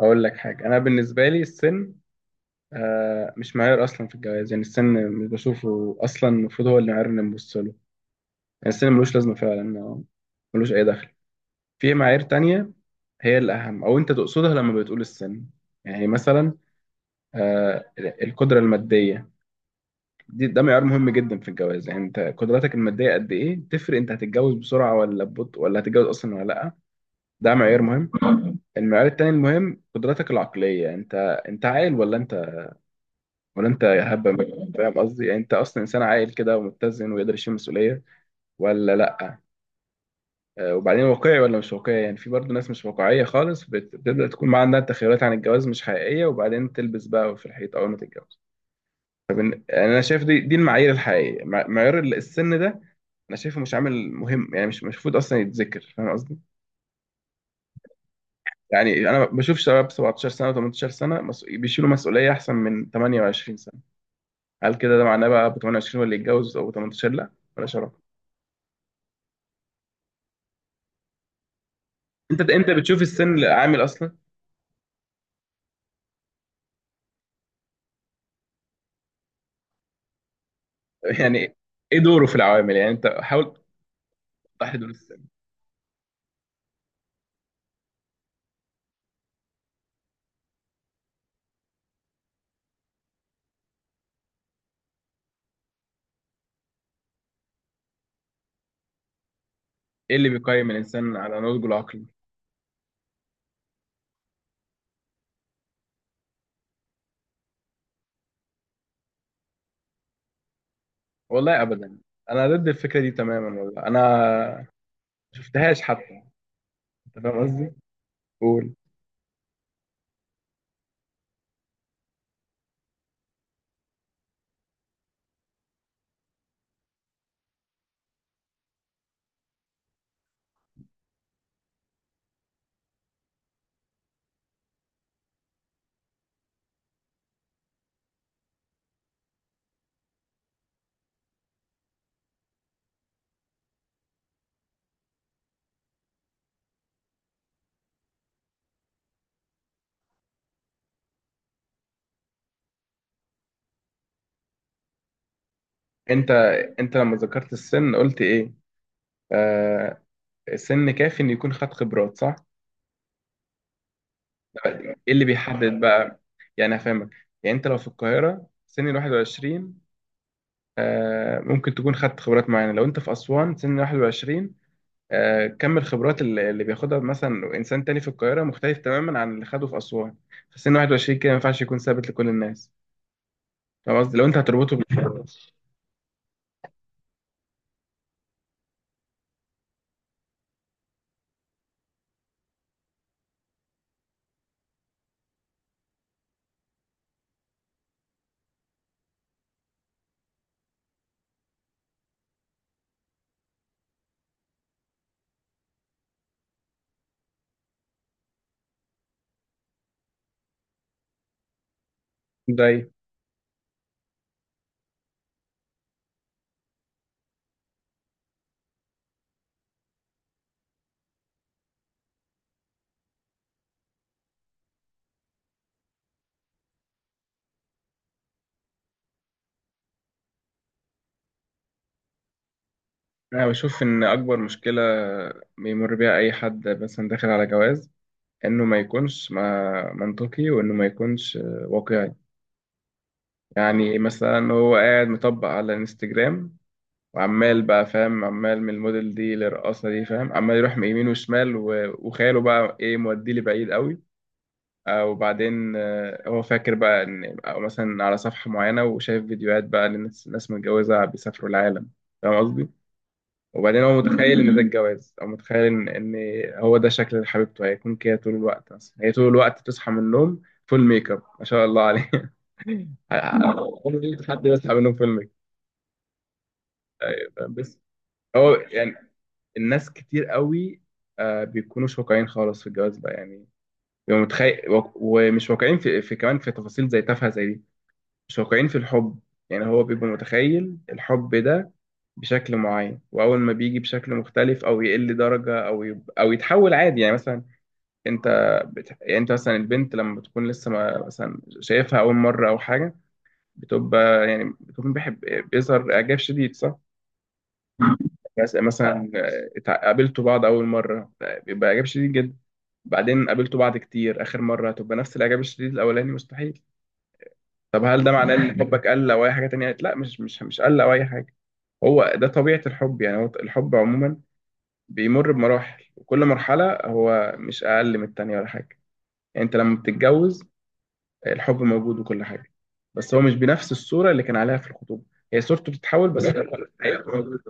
اقول لك حاجه. انا بالنسبه لي السن مش معيار اصلا في الجواز، يعني السن مش بشوفه اصلا، المفروض هو اللي معيار اللي نبص له. يعني السن ملوش لازمه فعلا، ملوش اي دخل. في معايير تانية هي الاهم او انت تقصدها لما بتقول السن؟ يعني مثلا القدره الماديه، ده معيار مهم جدا في الجواز. يعني انت قدراتك الماديه قد ايه تفرق، انت هتتجوز بسرعه ولا ببطء، ولا هتتجوز اصلا ولا لا. ده معيار مهم. المعيار التاني المهم قدراتك العقليه، انت عاقل ولا انت، ولا انت يا هبه فاهم قصدي؟ يعني انت اصلا انسان عاقل كده ومتزن ويقدر يشيل مسؤوليه ولا لا. وبعدين واقعي ولا مش واقعي، يعني في برضه ناس مش واقعيه خالص، بتبدا تكون ما عندها تخيلات عن الجواز مش حقيقيه، وبعدين تلبس بقى في الحيط اول ما تتجوز. انا شايف دي المعايير الحقيقيه. معيار السن ده انا شايفه مش عامل مهم، يعني مش المفروض اصلا يتذكر، فاهم قصدي؟ يعني انا بشوف شباب 17 سنه و18 سنه بيشيلوا مسؤوليه احسن من 28 سنه. هل كده ده معناه بقى ب 28 ولا يتجوز او 18 لا؟ ولا شرف. انت بتشوف السن عامل اصلا؟ يعني ايه دوره في العوامل؟ يعني انت حاول توضح لي دور السن. ايه اللي بيقيم الانسان على نضجه العقلي؟ والله ابدا، انا ضد الفكره دي تماما. والله انا ما شفتهاش حتى، انت فاهم قصدي؟ قول. انت انت لما ذكرت السن قلت ايه؟ آه، السن كافي ان يكون خد خبرات، صح؟ ايه اللي بيحدد بقى؟ يعني هفهمك. يعني انت لو في القاهره سن 21، آه ممكن تكون خدت خبرات معينه. لو انت في اسوان سن 21، كم الخبرات اللي بياخدها مثلا انسان تاني في القاهره مختلف تماما عن اللي خده في اسوان في سن 21 كده. ما ينفعش يكون ثابت لكل الناس، فاهم قصدي؟ لو انت هتربطه ده إيه؟ انا بشوف ان اكبر مشكله بيمر بيها اي حد مثلا داخل على جواز، انه ما يكونش ما منطقي، وانه ما يكونش واقعي. يعني مثلا هو قاعد مطبق على الانستجرام، وعمال بقى فاهم، عمال من الموديل دي للرقاصه دي، فاهم، عمال يروح من يمين وشمال، وخياله بقى ايه موديه لبعيد قوي. وبعدين هو فاكر بقى ان، او مثلا على صفحة معينة وشايف فيديوهات بقى لناس، ناس متجوزة بيسافروا العالم، فاهم قصدي؟ وبعدين هو متخيل ان ده الجواز، او متخيل ان هو ده شكل حبيبته هيكون كده طول الوقت. مثلا هي طول الوقت بتصحى من النوم فول ميك اب، ما شاء الله عليه. أنا مفيش حد بيصحى من النوم فول ميك اب. أيوة، بس هو يعني الناس كتير قوي بيكونوا مش واقعيين خالص في الجواز بقى، يعني بيبقوا متخيل، ومش واقعيين في, في كمان في تفاصيل زي تافهة زي دي. مش واقعيين في الحب. يعني هو بيبقى متخيل الحب ده بشكل معين، واول ما بيجي بشكل مختلف او يقل درجه، او يتحول عادي. يعني مثلا انت يعني انت مثلا البنت لما بتكون لسه ما مثلا شايفها اول مره او حاجه، بتبقى يعني بتكون بيحب، بيظهر اعجاب شديد صح؟ مثلا قابلتوا بعض اول مره، بيبقى اعجاب شديد جدا. بعدين قابلتوا بعض كتير، اخر مره هتبقى نفس الاعجاب الشديد الاولاني، مستحيل. طب هل ده معناه ان حبك قل او اي حاجه تانية؟ لا، مش قل او اي حاجه. هو ده طبيعه الحب. يعني هو الحب عموما بيمر بمراحل، وكل مرحله هو مش اقل من التانية ولا حاجه. يعني انت لما بتتجوز الحب موجود وكل حاجه، بس هو مش بنفس الصوره اللي كان عليها في الخطوبه. هي صورته بتتحول، بس هيبقى موجود.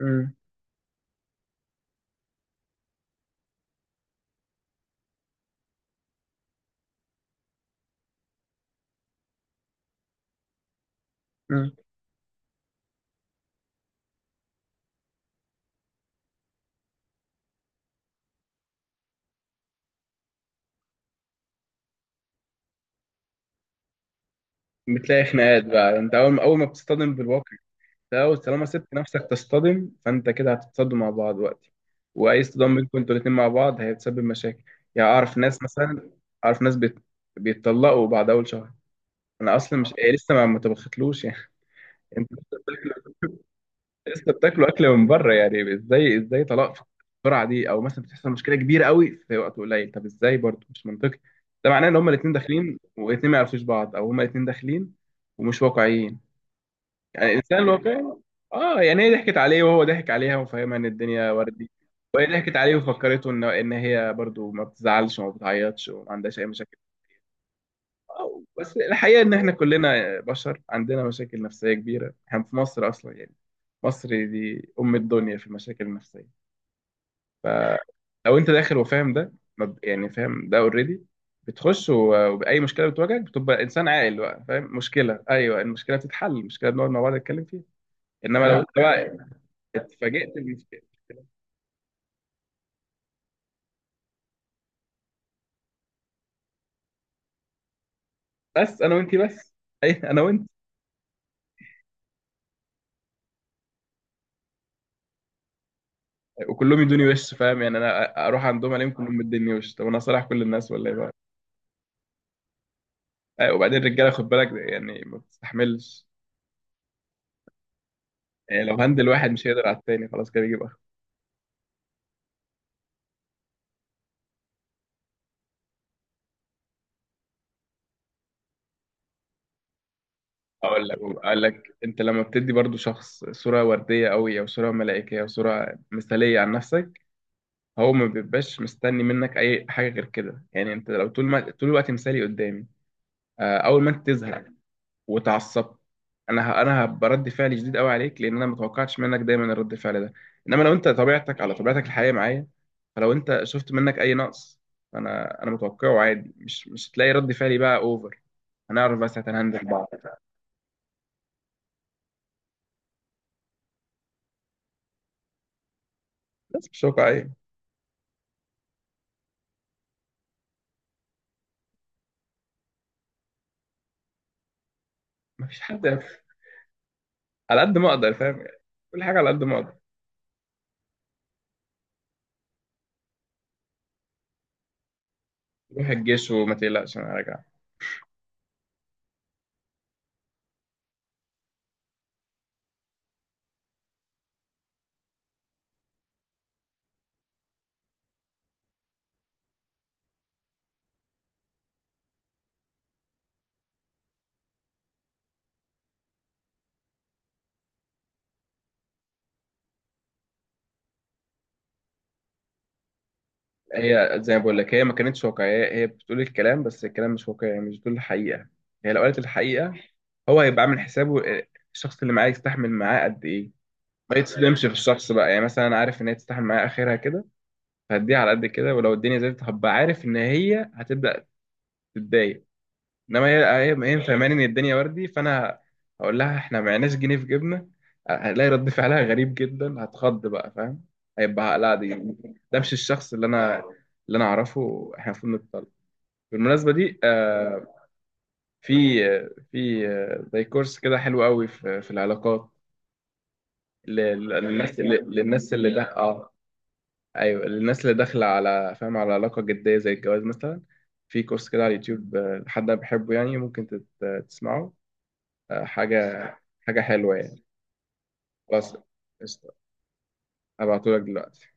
مم. مم. بتلاقي خناقات بقى انت اول ما بتصطدم بالواقع. لو طالما سبت نفسك تصطدم، فانت كده هتتصدموا مع بعض وقتي. واي اصطدام بينكم انتوا الاتنين مع بعض هيتسبب مشاكل. يعني اعرف ناس مثلا، اعرف ناس بيتطلقوا بعد اول شهر. انا اصلا مش إيه، لسه ما تبختلوش يعني. انت لسه بتاكلوا، لسه بتاكلوا اكل من بره، يعني ازاي، ازاي طلاق في السرعه دي؟ او مثلا بتحصل مشكله كبيره قوي في وقت قليل، طب ازاي؟ برضه مش منطقي. ده معناه ان هما الاتنين داخلين والاتنين ما يعرفوش بعض، او هما الاتنين داخلين ومش واقعيين. يعني انسان واقعي. اه يعني هي ضحكت عليه وهو ضحك عليها وفاهمها ان الدنيا وردي. وهي ضحكت عليه وفكرته ان هي برضو ما بتزعلش وما بتعيطش وما عندهاش اي مشاكل. بس الحقيقه ان احنا كلنا بشر عندنا مشاكل نفسيه كبيره. احنا في مصر اصلا يعني، مصر دي ام الدنيا في المشاكل النفسيه. فلو انت داخل وفاهم ده يعني فاهم ده اوريدي، بتخش وباي مشكله بتواجهك بتبقى انسان عاقل بقى فاهم مشكله، ايوه المشكله بتتحل، المشكله بنقعد مع بعض نتكلم فيها. انما لو لا، انت بقى اتفاجئت بالفيلم. بس انا وانتي بس، اي انا وانت. وكلهم يدوني وش، فاهم يعني، انا اروح عندهم الاقيهم كلهم مديني وش. طب انا صالح كل الناس ولا ايه بقى؟ أي، وبعدين الرجاله خد بالك يعني ما بتستحملش. يعني لو هندل واحد مش هيقدر على التاني، خلاص كده بيجيب اخر. اقول لك انت لما بتدي برضو شخص صوره ورديه قوي او صوره ملائكيه او صوره مثاليه عن نفسك، هو ما بيبقاش مستني منك اي حاجه غير كده. يعني انت لو طول ما، طول الوقت مثالي قدامي، اول ما انت تزهق واتعصبت، انا برد فعل شديد قوي عليك، لان انا ما توقعتش منك دايما الرد فعل ده. انما لو انت طبيعتك على طبيعتك الحقيقيه معايا، فلو انت شفت منك اي نقص، انا متوقعه عادي، مش هتلاقي رد فعلي بقى اوفر. هنعرف بس هتنهندل بعض. بس مش واقعيه. مفيش حد. على قد ما اقدر، فاهم يعني، كل حاجه على قد ما اقدر. روح الجيش وما تقلقش انا راجع. هي زي ما بقول لك، هي ما كانتش واقعية، هي بتقول الكلام بس الكلام مش واقعي، يعني مش بتقول الحقيقة. هي لو قالت الحقيقة هو هيبقى عامل حسابه، الشخص اللي معاه يستحمل معاه قد ايه، ما يتصدمش في الشخص بقى. يعني مثلا انا عارف ان هي تستحمل معايا اخرها كده، فهديها على قد كده. ولو الدنيا زادت هبقى عارف ان هي هتبدأ تتضايق. انما هي فاهماني ان الدنيا وردي، فانا هقول لها احنا معناش جنيه في جيبنا، هلاقي رد فعلها غريب جدا، هتخض بقى، فاهم؟ هيبقى لا دي ده مش الشخص اللي انا، اللي انا اعرفه، احنا المفروض نتطلق. بالمناسبه دي، في في زي كورس كده حلو قوي في, في العلاقات، للناس اللي ده اه، ايوه، للناس اللي داخله على فاهم على علاقه جديه زي الجواز مثلا. في كورس كده على اليوتيوب، حد أنا بحبه، يعني ممكن تسمعه. آه، حاجة حاجة حلوة يعني. خلاص، قشطة. هبعتهولك دلوقتي.